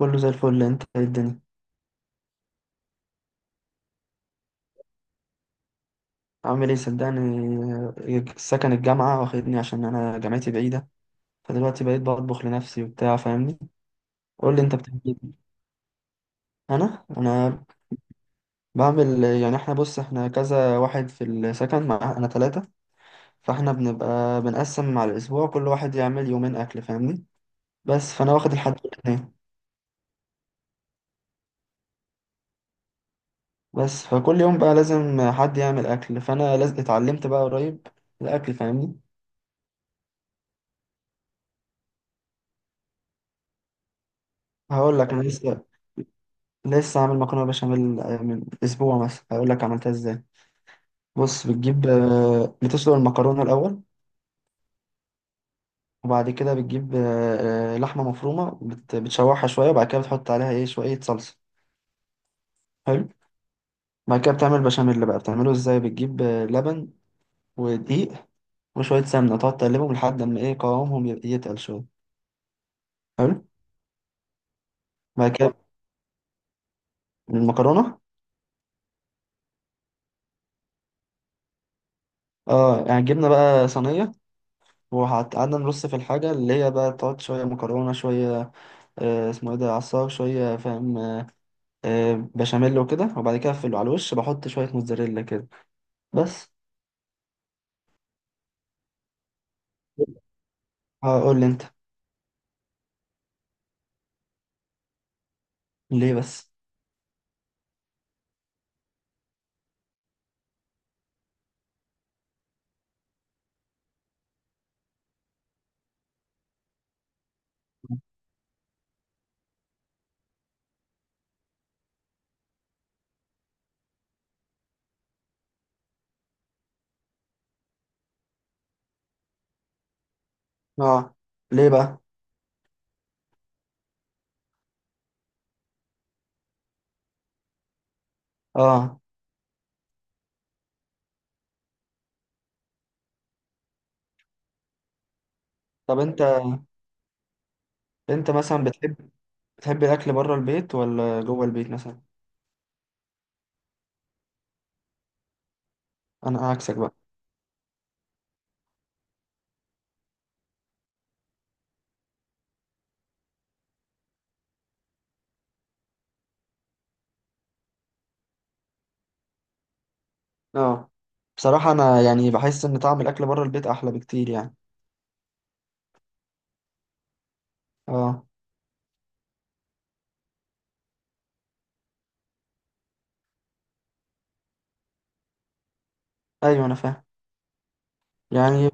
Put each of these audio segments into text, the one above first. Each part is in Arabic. كله زي الفل، انت ايه الدنيا؟ عامل ايه صدقني؟ سكن الجامعة واخدني عشان انا جامعتي بعيدة. فدلوقتي بقيت بطبخ لنفسي وبتاع، فاهمني؟ قول لي انت بتعمل ايه. انا بعمل يعني، احنا بص احنا كذا واحد في السكن، مع انا ثلاثة. فاحنا بنبقى بنقسم على الاسبوع، كل واحد يعمل يومين اكل، فاهمني؟ بس فانا واخد الحد الاثنين. بس فكل يوم بقى لازم حد يعمل اكل، فانا لازم اتعلمت بقى قريب الاكل، فاهمني؟ هقول لك، انا لسه عامل مكرونه بشاميل من اسبوع مثلا، هقول لك عملتها ازاي. بص، بتجيب بتسلق المكرونه الاول. وبعد كده بتجيب لحمه مفرومه، بتشوحها شويه، وبعد كده بتحط عليها ايه شويه صلصه. حلو. بعد كده بتعمل بشاميل، بقى بتعمله ازاي؟ بتجيب لبن ودقيق وشويه سمنه، تقعد تقلبهم لحد ما ايه قوامهم يتقل شويه. حلو. بعد كده المكرونه، اه يعني جبنا بقى صينيه وقعدنا نرص في الحاجه اللي هي بقى، تقعد شويه مكرونه شويه اسمه ايه ده، عصار، شوية فاهم. بشاميل وكده، وبعد كده اقفله على الوش، بحط شوية موتزاريلا كده. بس. هقول لي انت. ليه بس؟ اه. ليه بقى؟ اه. طب انت، مثلا بتحب الاكل بره البيت ولا جوه البيت مثلا؟ انا عكسك بقى. اه. بصراحة انا يعني بحس ان طعم الاكل بره البيت احلى بكتير يعني. اه. ايوه انا فاهم. يعني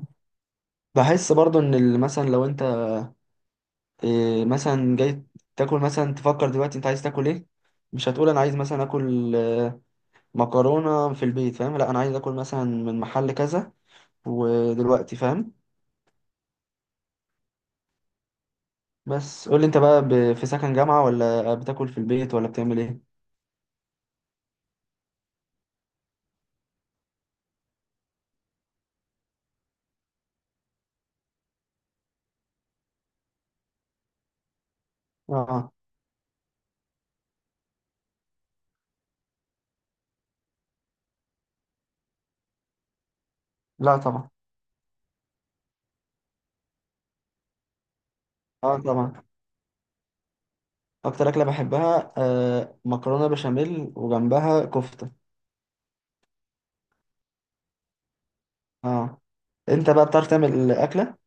بحس برضو ان مثلا لو انت مثلا جاي تاكل، مثلا تفكر دلوقتي انت عايز تاكل ايه. مش هتقول انا عايز مثلا اكل مكرونة في البيت، فاهم؟ لا انا عايز اكل مثلا من محل كذا ودلوقتي، فاهم؟ بس قول لي انت بقى، في سكن جامعة ولا بتاكل في البيت ولا بتعمل ايه؟ اه. لا طبعا. اه طبعا. اكتر اكلة بحبها مكرونة بشاميل وجنبها كفتة. اه. انت بقى بتعرف تعمل اكلة؟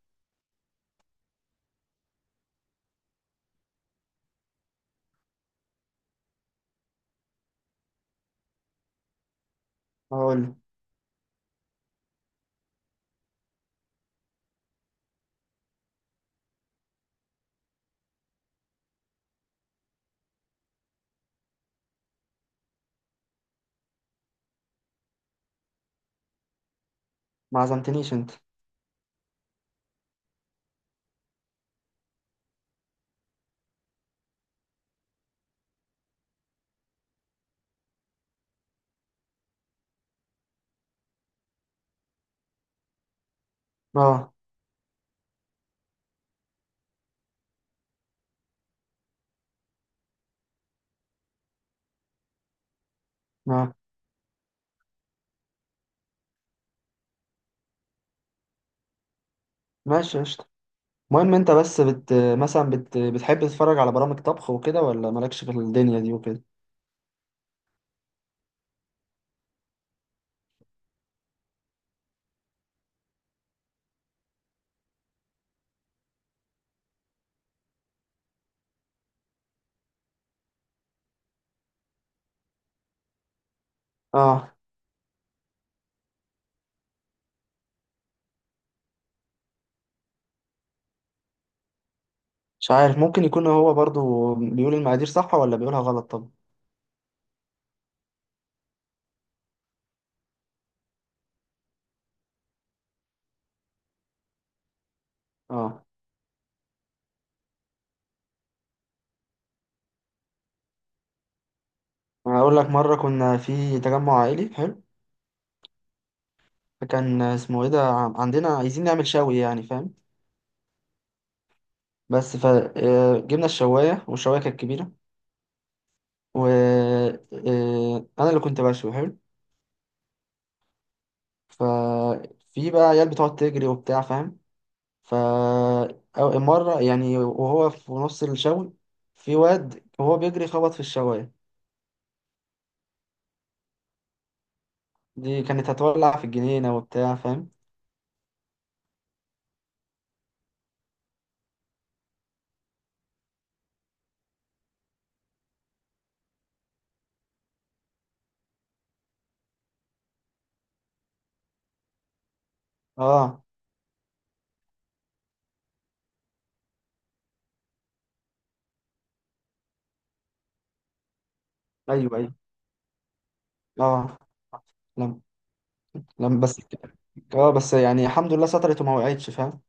هقول لي. ما عزمتنيش انت؟ اه. اه. ماشي قشطة. المهم انت بس مثلا بتحب تتفرج على برامج طبخ وكده ولا مالكش في الدنيا دي وكده؟ اه. مش عارف، ممكن يكون هو برضو بيقول المقادير صح ولا بيقولها غلط. طب. اه. أنا هقول لك. مرة كنا في تجمع عائلي حلو، فكان اسمه ايه ده، عندنا عايزين نعمل شوي يعني، فاهم؟ بس فجبنا الشواية، والشواية كانت كبيرة، و انا اللي كنت بشوي. حلو. ففي بقى عيال بتقعد تجري وبتاع، فاهم؟ ف مرة يعني وهو في نص الشوي، في واد وهو بيجري خبط في الشواية. دي كانت هتولع في الجنينة وبتاع، فاهم؟ اه. ايوه ايوه. اه. لم لم بس. اه. بس يعني الحمد لله سترت وما وقعتش، فاهم؟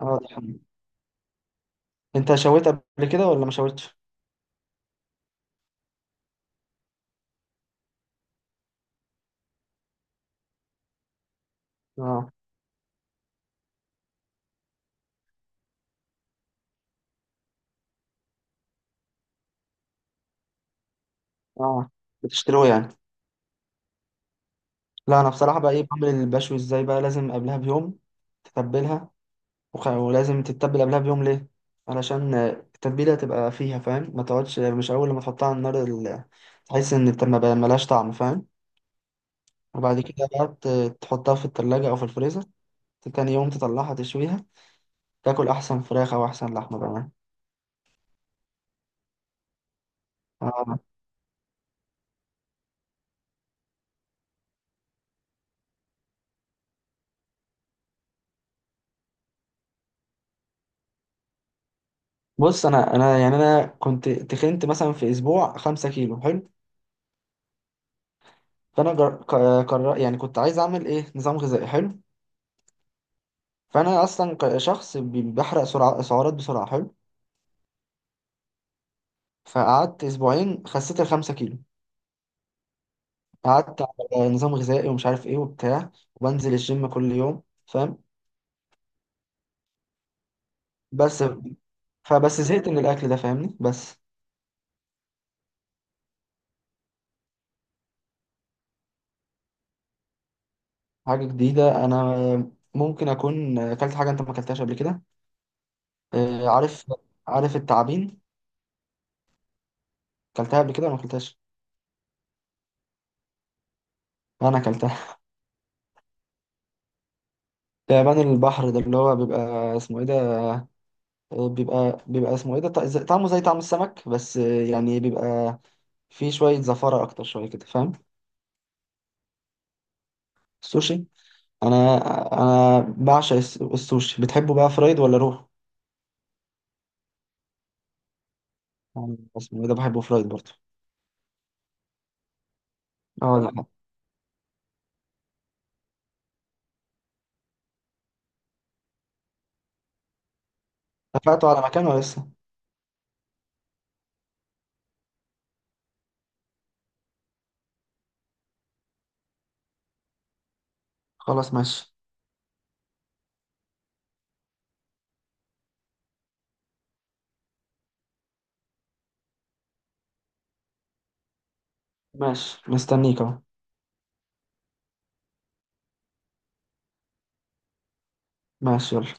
اه. دي الحمد لله. انت شويت قبل كده ولا ما شويتش؟ اه. اه. بتشتروه يعني؟ لا انا بصراحه بقى ايه، بعمل البشوي ازاي؟ بقى لازم قبلها بيوم تتبلها. ولازم تتبل قبلها بيوم، ليه؟ علشان التتبيله تبقى فيها، فاهم؟ ما تقعدش مش اول لما تحطها على النار تحس ان ما بقى- ملهاش طعم، فاهم؟ وبعد كده بقى تحطها في التلاجة او في الفريزر. تاني يوم تطلعها تشويها، تاكل احسن فراخ او احسن لحمه بقى. آه. بص، انا يعني انا كنت تخنت مثلا في اسبوع 5 كيلو. حلو. فانا قرر يعني كنت عايز اعمل ايه نظام غذائي. حلو. فانا اصلا شخص بحرق سرعة سعرات بسرعة. حلو. فقعدت اسبوعين، خسيت الخمسة كيلو، قعدت على نظام غذائي ومش عارف ايه وبتاع، وبنزل الجيم كل يوم، فاهم؟ بس. فبس زهقت من الاكل ده، فاهمني؟ بس. حاجة جديدة. انا ممكن اكون اكلت حاجة انت ما اكلتهاش قبل كده. عارف. التعابين اكلتها قبل كده ولا ما اكلتهاش؟ انا اكلتها. تعبان البحر ده اللي هو بيبقى اسمه ايه ده، بيبقى اسمه ايه ده، طعمه زي طعم السمك، بس يعني بيبقى فيه شوية زفارة اكتر شوية كده، فاهم؟ السوشي. انا انا بعشق السوشي. بتحبه بقى فرايد ولا روح؟ يعني اسمه ايه ده، بحبه فرايد برضه. اه ولا حاجة. اتفقتوا على مكان ولا لسه؟ خلاص ماشي. ماشي مستنيك اهو. ماشي يلا.